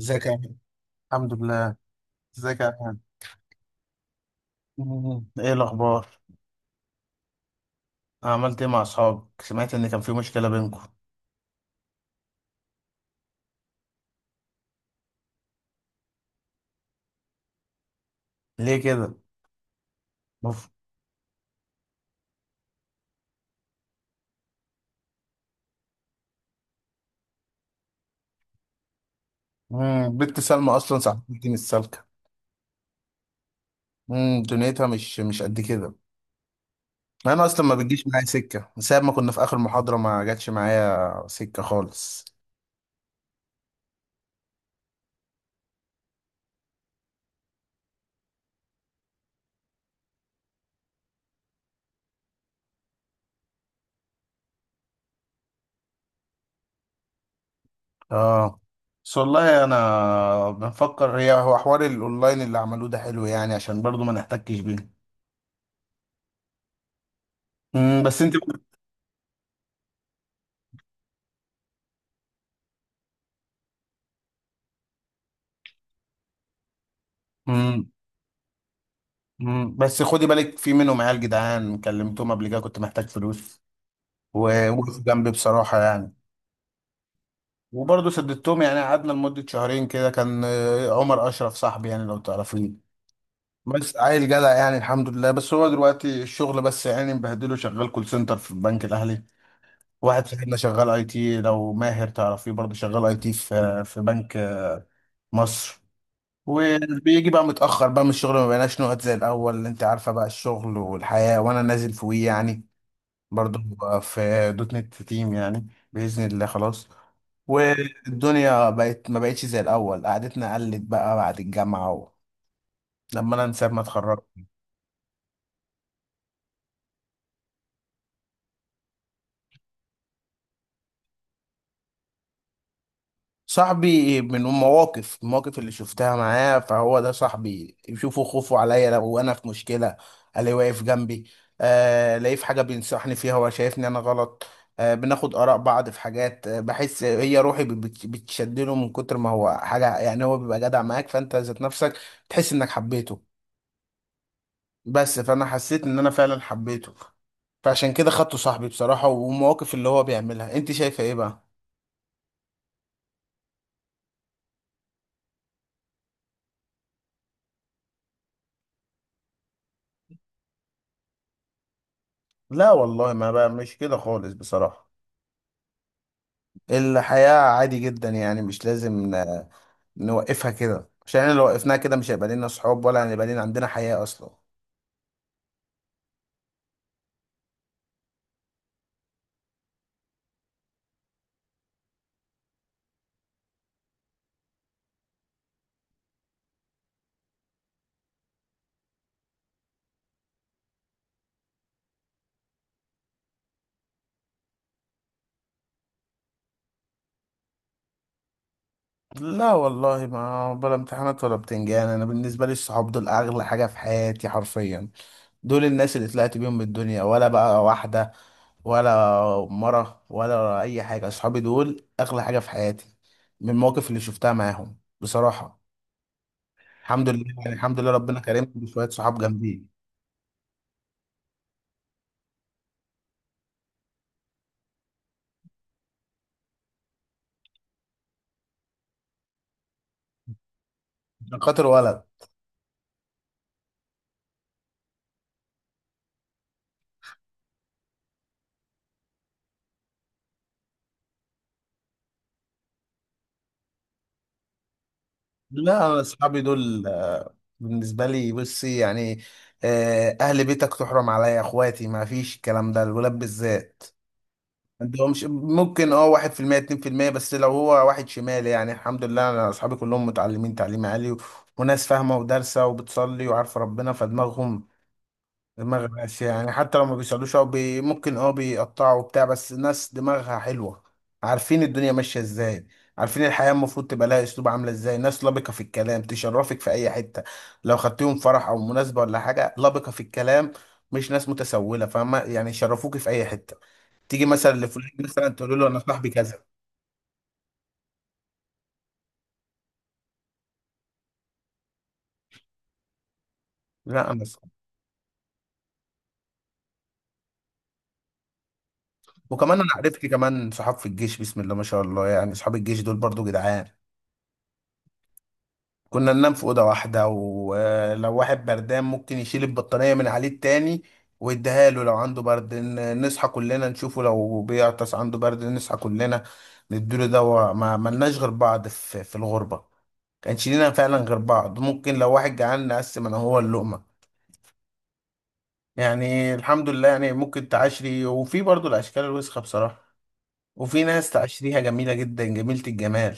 ازيك يا أحمد؟ الحمد لله. ازيك يا أحمد. مم. ايه الاخبار؟ عملت ايه مع اصحابك، سمعت ان كان في مشكله بينكم. ليه كده؟ مف... مم. بنت سلمى اصلا صاحبتي مش سالكه. مم. دنيتها مش قد كده. انا اصلا ما بتجيش معايا سكه من ساعه ما كنا في اخر محاضره، ما جاتش معايا سكه خالص. اه، بس والله انا بنفكر هي هو حوار الاونلاين اللي عملوه ده حلو يعني، عشان برضو ما نحتكش بيه. مم. بس انت. مم. مم. بس خدي بالك، في منهم عيال جدعان كلمتهم قبل كده كنت محتاج فلوس، ووقفوا جنبي بصراحة يعني. وبرضه سددتهم يعني، قعدنا لمدة شهرين كده، كان عمر أشرف صاحبي، يعني لو تعرفيه. بس عيل جدع يعني، الحمد لله. بس هو دلوقتي الشغل بس يعني مبهدله، شغال كول سنتر في البنك الأهلي. واحد صاحبنا شغال اي تي، لو ماهر تعرفيه برضه، شغال اي تي في بنك مصر. وبيجي بقى متأخر بقى من الشغل، ما بقيناش نقعد زي الأول. انت عارفة بقى الشغل والحياة، وانا نازل فوقيه يعني برضو في دوت نت تيم يعني. بإذن الله خلاص. والدنيا بقت ما بقتش زي الأول قعدتنا، قلت بقى بعد الجامعة و... لما أنا نسيب ما اتخرج. صاحبي من المواقف اللي شفتها معاه، فهو ده صاحبي. يشوفوا خوفه عليا لو أنا في مشكلة، ألاقيه واقف جنبي. آه، لاقيه في حاجة بينصحني فيها هو شايفني أنا غلط. آه، بناخد آراء بعض في حاجات. آه، بحس هي روحي بتشدله، من كتر ما هو حاجة يعني، هو بيبقى جدع معاك فأنت ذات نفسك تحس انك حبيته. بس فانا حسيت ان انا فعلا حبيته. فعشان كده خدته صاحبي بصراحة. والمواقف اللي هو بيعملها انت شايفة ايه بقى؟ لا والله، ما بقى مش كده خالص بصراحة. الحياة عادي جدا يعني، مش لازم نوقفها كده، عشان لو وقفناها كده مش هيبقى لنا صحاب، ولا هيبقى لنا عندنا حياة اصلا. لا والله، ما بلا امتحانات ولا بتنجان. انا بالنسبه لي الصحاب دول اغلى حاجه في حياتي حرفيا. دول الناس اللي طلعت بيهم من الدنيا، ولا بقى واحده ولا مره ولا اي حاجه. اصحابي دول اغلى حاجه في حياتي، من المواقف اللي شفتها معاهم بصراحه. الحمد لله يعني، الحمد لله ربنا كرمني بشويه صحاب جنبي. عشان خاطر ولد. لا، انا اصحابي دول بالنسبه لي بصي يعني. اهل بيتك تحرم عليا اخواتي، ما فيش الكلام ده الولاد بالذات. انت هو مش ممكن، اه، واحد في المية اتنين في المية، بس لو هو واحد شمال. يعني الحمد لله انا اصحابي كلهم متعلمين تعليم عالي وناس فاهمة ودارسة وبتصلي وعارفة ربنا، فدماغهم دماغ ماشية يعني. حتى لو ما بيصلوش او بي ممكن اه بيقطعوا وبتاع، بس ناس دماغها حلوة. عارفين الدنيا ماشية ازاي، عارفين الحياة المفروض تبقى لها اسلوب عاملة ازاي. ناس لبقة في الكلام تشرفك في اي حتة، لو خدتيهم فرح او مناسبة ولا حاجة لبقة في الكلام. مش ناس متسولة، فاهمة يعني، يشرفوك في اي حتة. تيجي مثلا لفلان مثلا تقول له انا صاحبي كذا. لا انا صاحبي. وكمان انا عرفت كمان صحاب في الجيش، بسم الله ما شاء الله يعني، صحاب الجيش دول برضو جدعان. كنا ننام في اوضه واحده، ولو واحد بردان ممكن يشيل البطانيه من عليه التاني ويديها له. لو عنده برد، نصحى كلنا نشوفه. لو بيعطس عنده برد نصحى كلنا نديله دواء. ما ملناش غير بعض في الغربه، كانش لينا فعلا غير بعض. ممكن لو واحد جعان نقسم انا هو اللقمه يعني، الحمد لله يعني. ممكن تعشري وفي برضو الأشكال الوسخة بصراحة، وفي ناس تعشريها جميلة جدا جميلة الجمال.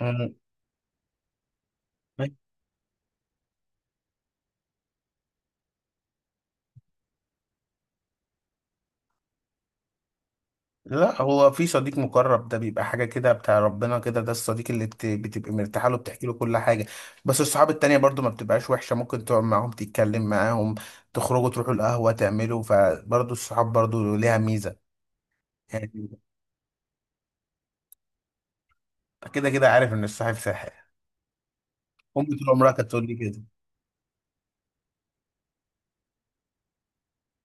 مم. لا هو في صديق مقرب، ده بيبقى حاجة كده بتاع ربنا كده، ده الصديق اللي بتبقى مرتاحة له بتحكي له كل حاجة. بس الصحاب التانية برضو ما بتبقاش وحشة، ممكن تقعد معاهم تتكلم معاهم، تخرجوا تروحوا القهوة تعملوا، فبرضو الصحاب برضو ليها ميزة يعني. كده كده عارف إن الصاحب ساحر، أمي طول عمرها كانت تقول لي كده.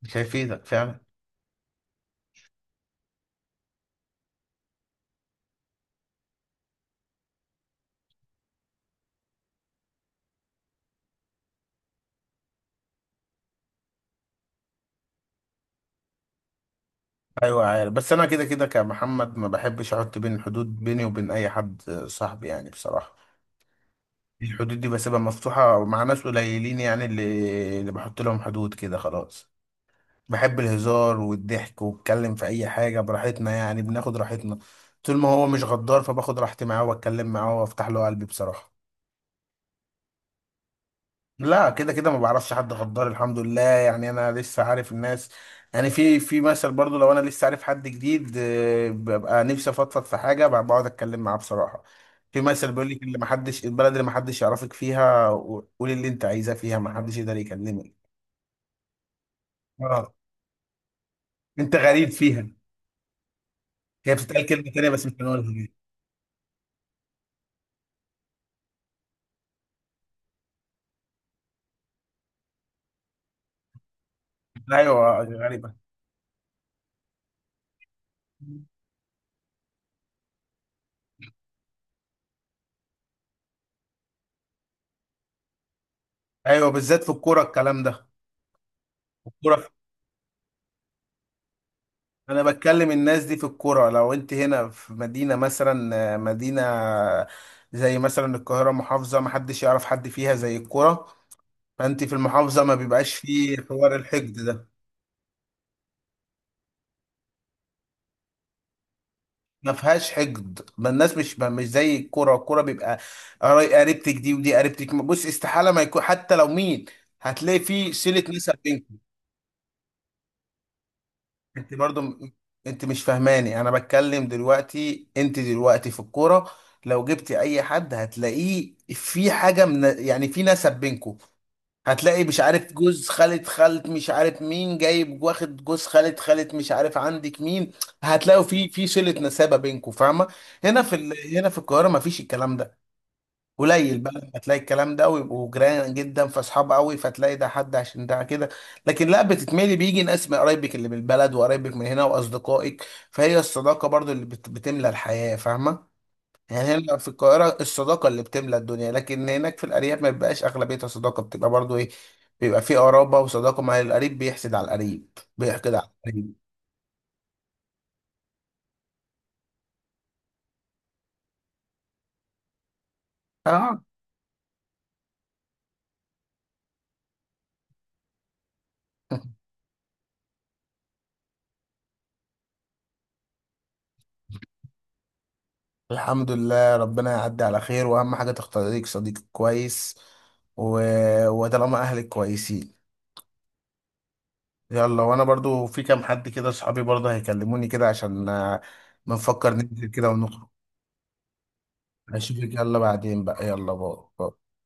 مش هيفيدك فعلا. ايوه عارف، بس انا كده كده كمحمد ما بحبش احط بين حدود بيني وبين اي حد صاحبي يعني. بصراحه الحدود دي بسيبها مفتوحه مع ناس قليلين يعني، اللي بحط لهم حدود كده خلاص. بحب الهزار والضحك واتكلم في اي حاجه براحتنا، يعني بناخد راحتنا. طول ما هو مش غدار، فباخد راحتي معاه واتكلم معاه وافتح له قلبي بصراحه. لا كده كده ما بعرفش حد غدار الحمد لله يعني. انا لسه عارف الناس، يعني في مثل برضو. لو انا لسه عارف حد جديد، ببقى نفسي افضفض في حاجه، بقعد اتكلم معاه بصراحه. في مثل بيقول لك، اللي ما حدش البلد اللي ما حدش يعرفك فيها قولي اللي انت عايزاه فيها، ما حدش يقدر يكلمك. اه. انت غريب فيها. هي بتتقال كلمه تانيه بس مش هنقولها دي. ايوه غريبه. ايوه بالذات في الكوره الكلام ده. الكوره، انا بتكلم الناس دي في الكرة. لو انت هنا في مدينة مثلا مدينة زي مثلا القاهرة محافظة، محدش يعرف حد فيها زي الكرة. فانت في المحافظة ما بيبقاش فيه حوار الحقد ده. ما فيهاش حقد، ما الناس مش مش زي الكرة. الكرة بيبقى قريبتك دي ودي قريبتك. بص استحالة ما يكون، حتى لو مين هتلاقي فيه صلة نسب. انت برضو انت مش فاهماني. انا بتكلم دلوقتي، انت دلوقتي في الكوره، لو جبتي اي حد هتلاقيه في حاجه من يعني في نسب بينكم. هتلاقي مش عارف جوز خالة خالة مش عارف مين جايب، واخد جوز خالة خالة مش عارف عندك مين. هتلاقوا في صلة نسابة بينكم فاهمة. هنا في هنا في القاهرة مفيش الكلام ده. قليل بقى لما تلاقي الكلام ده ويبقوا جيران جدا فاصحاب قوي، فتلاقي ده حد عشان ده كده. لكن لا، بتتملي بيجي ناس من قرايبك اللي بالبلد وقرايبك من هنا واصدقائك، فهي الصداقه برضو اللي بتملى الحياه، فاهمه يعني. هنا في القاهره الصداقه اللي بتملى الدنيا، لكن هناك في الارياف ما بيبقاش اغلبيتها صداقه، بتبقى برضو ايه، بيبقى في قرابه وصداقه. مع القريب بيحسد على القريب، بيحقد على القريب. اه، الحمد لله ربنا يعدي على خير. واهم حاجه تختار لك صديق كويس و... وطالما اهلك كويسين. يلا، وانا برضو في كام حد كده صحابي برضو هيكلموني كده، عشان بنفكر ننزل كده ونخرج. اشوفك، يلا بعدين بقى، يلا باي باي.